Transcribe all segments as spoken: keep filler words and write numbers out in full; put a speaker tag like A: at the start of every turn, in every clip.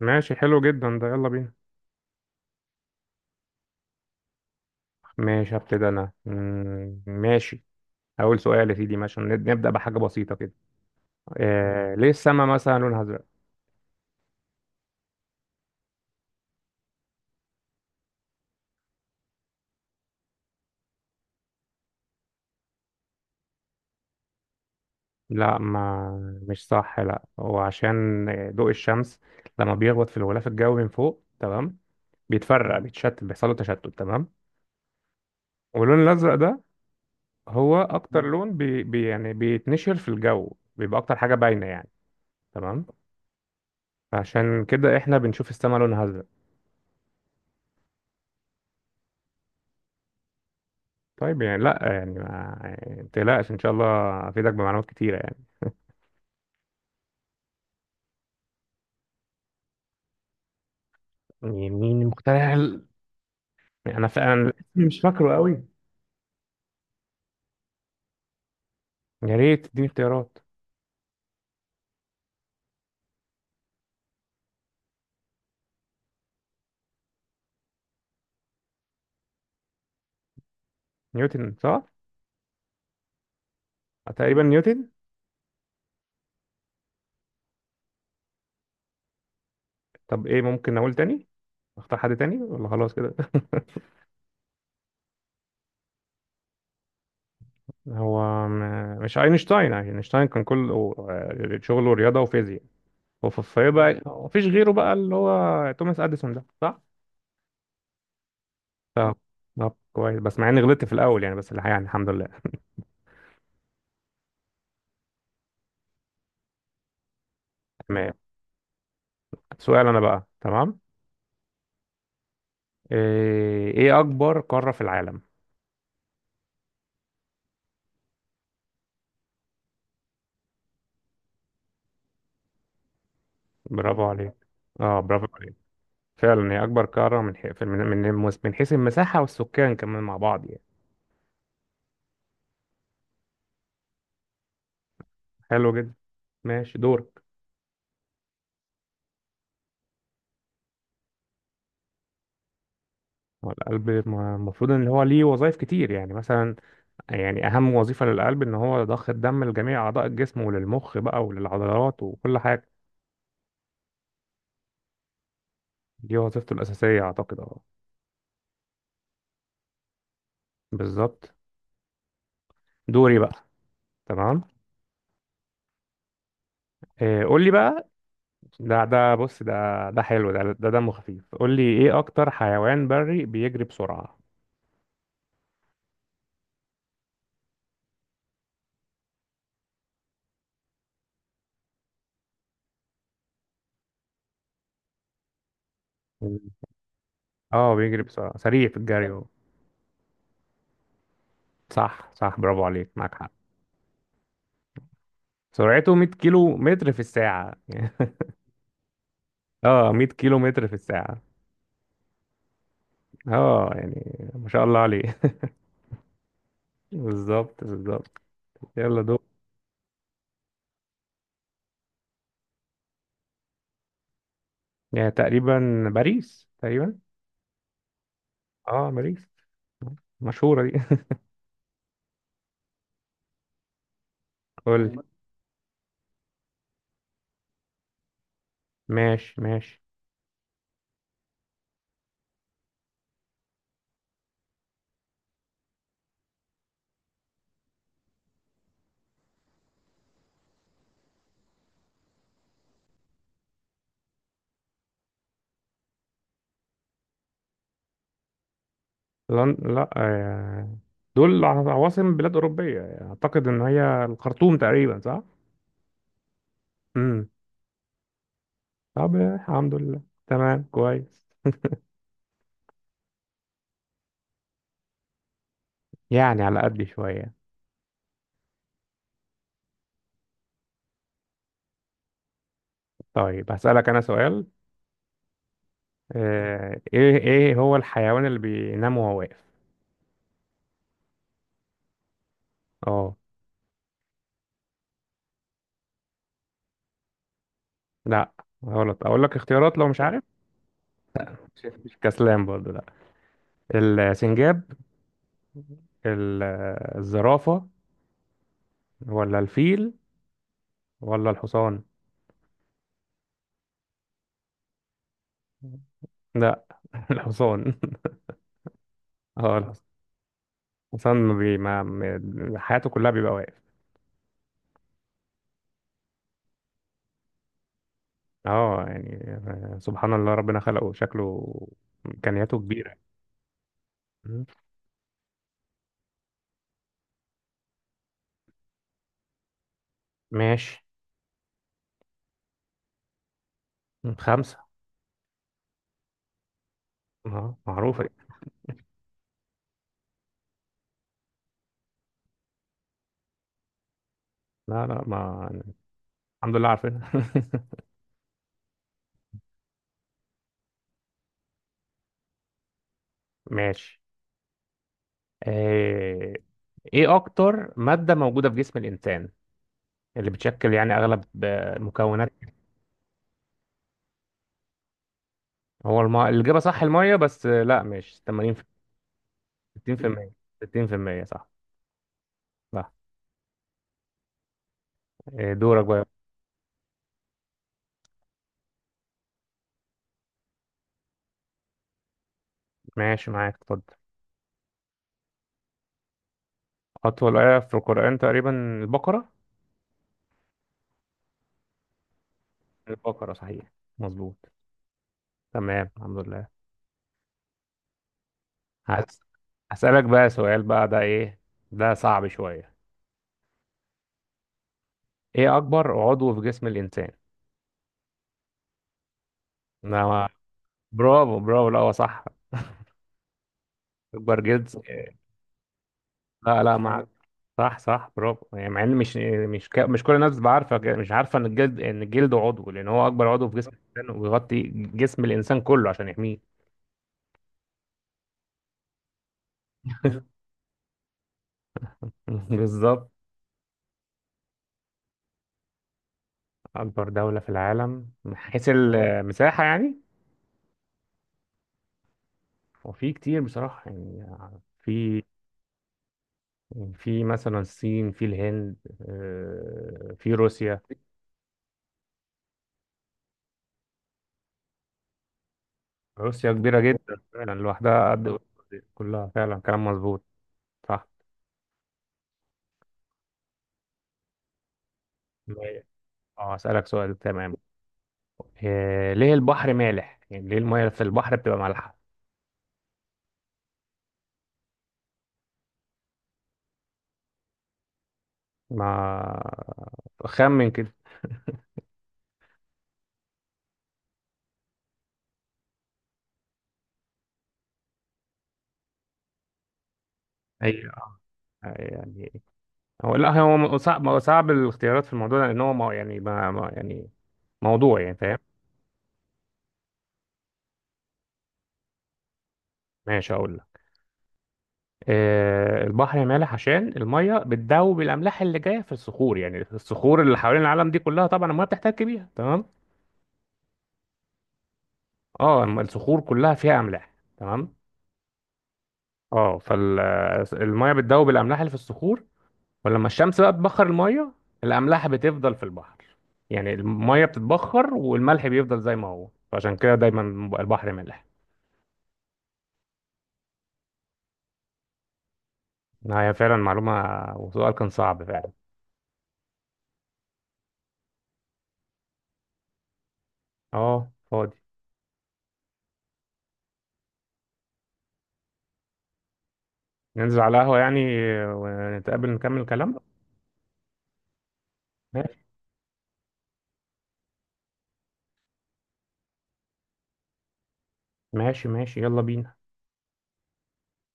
A: ماشي، حلو جدا ده، يلا بينا. ماشي هبتدي انا، مم، ماشي. اول سؤال يا سيدي، ماشي نب- نبدا بحاجه بسيطه كده. آه، ليه السما مثلا لونها ازرق؟ لا، ما مش صح، لا هو عشان ضوء الشمس لما بيخبط في الغلاف الجوي من فوق، تمام، بيتفرق، بيتشتت، بيحصل له تشتت، تمام. واللون الازرق ده هو اكتر مم. لون بي بي يعني بيتنشر في الجو، بيبقى اكتر حاجه باينه يعني. تمام. عشان كده احنا بنشوف السما لونها ازرق. طيب يعني لا يعني ما يعني ما تقلقش، ان شاء الله افيدك بمعلومات كتيره يعني. يعني مين المخترع ال- انا ف... انا الاسم مش فاكره قوي. يا ريت تديني اختيارات. نيوتن صح. أه، تقريبا نيوتن. طب ايه، ممكن اقول تاني، اختار حد تاني ولا خلاص كده؟ هو م... مش اينشتاين يعني. اينشتاين كان كله آه، شغله رياضه وفيزياء. وفي بقى، مفيش غيره بقى اللي هو توماس اديسون ده صح. طب، طب كويس، بس مع اني غلطت في الاول يعني، بس الحقيقه يعني الحمد لله. تمام. سؤال انا بقى، تمام. ايه إيه اكبر قارة في العالم؟ برافو عليك، اه برافو عليك. فعلا هي اكبر قارة، من حي... في- من من من حيث المساحة والسكان كمان مع بعض يعني. حلو جدا، ماشي دورك. هو القلب م- المفروض ان هو ليه وظائف كتير يعني، مثلا يعني اهم وظيفة للقلب ان هو ضخ الدم لجميع اعضاء الجسم وللمخ بقى وللعضلات وكل حاجة. دي وظيفته الاساسية اعتقد، اه. بالظبط، دوري بقى. تمام. إيه، قول لي بقى. ده ده بص ده، ده حلو ده ده دمه خفيف. قول لي ايه اكتر حيوان بري بيجري بسرعة؟ مم. اه بيجري بسرعة، سريع في الجري هو. صح صح، برافو عليك، معاك حق. سرعته مية كيلو متر في الساعة. اه، مية كيلو متر في الساعة. اه، يعني ما شاء الله عليه. بالظبط بالظبط. يلا دول. يعني تقريبا باريس، تقريبا. اه باريس، مشهورة دي. قول لي. ماشي ماشي. لن... لا، آه، دول عواصم بلاد أوروبية يعني، أعتقد إن هي الخرطوم تقريبا، صح؟ امم. طب، آه، الحمد لله. تمام كويس. يعني على قد شوية. طيب هسألك أنا سؤال. آه، إيه إيه هو الحيوان اللي بينام وهو واقف؟ أه. لا غلط، أقول لك اختيارات لو مش عارف. مش كسلان برضه، لا. السنجاب، ال- الزرافة، ولا الفيل، ولا الحصان؟ لا. الحصان. اه الحصان. اصلا ما بي... ما ما- حياته كلها بيبقى واقف. اه يعني، آه، سبحان الله، ربنا خلقه شكله، امكانياته كبيره. مم. ماشي. مم. خمسه. اه معروفه دي. لا لا ما. الحمد لله عارفينها. ماشي. آه، ايه اكتر ماده موجوده في جسم الانسان، اللي بتشكل يعني اغلب آه، مكونات. هو الم... الاجابه صح الميه، بس آه، لا مش تمانين، ستين في المية. ستين في المية صح، صح. آه، دورك بقى. ماشي معاك، اتفضل. أطول آية في القرآن تقريبا البقرة. البقرة صحيح، مظبوط. تمام، الحمد لله. هس- هسألك بقى سؤال بقى، ده إيه، ده صعب شوية. إيه أكبر عضو في جسم الإنسان؟ أنا. برافو برافو، لا هو صح. أكبر جزء. لا لا مع، صح صح برافو يعني، مع إن مش مش ك... مش كل الناس بعارفة، ك- مش عارفة إن الجلد، إن الجلد عضو، لأن هو أكبر عضو في جسم الإنسان، وبيغطي جسم الإنسان كله عشان يحميه. بالظبط. أكبر دولة في العالم من حيث المساحة يعني. وفي كتير بصراحة، يعني في، يعني في مثلا الصين، في الهند، آه، في روسيا. روسيا كبيرة جدا فعلا، لوحدها قد أوروبا كلها، فعلا كلام مظبوط، صح. مية. اه أسألك سؤال، تمام. آه، ليه البحر مالح؟ يعني ليه المياه في البحر بتبقى مالحة؟ ما، خمن كده. هي آه، يعني هو، لا هو صعب، هو صعب الاختيارات في الموضوع ده، لأن هو مو- يعني ما ما- يعني موضوع يعني، فاهم؟ ماشي أقول. آه، البحر مالح عشان الميه بتذوب الاملاح اللي جايه في الصخور، يعني الصخور اللي حوالين العالم دي كلها طبعا الميه بتحتك بيها، تمام. اه الم- الصخور كلها فيها املاح، تمام. اه فالميه بتذوب الاملاح اللي في الصخور، ولما الشمس بقى بتبخر الميه، الاملاح بتفضل في البحر، يعني الميه بتتبخر والملح بيفضل زي ما هو، فعشان كده دايما البحر مالح. آه، هي فعلا معلومه، وسؤال كان صعب فعلا. اه فاضي. ننزل على قهوه يعني، ونتقابل نكمل كلام. ماشي ماشي يلا بينا.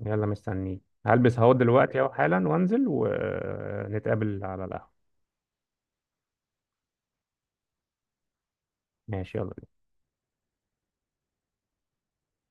A: يلا مستنيك، هلبس اهو دلوقتي اهو حالا، وانزل ونتقابل على القهوة. ماشي يلا.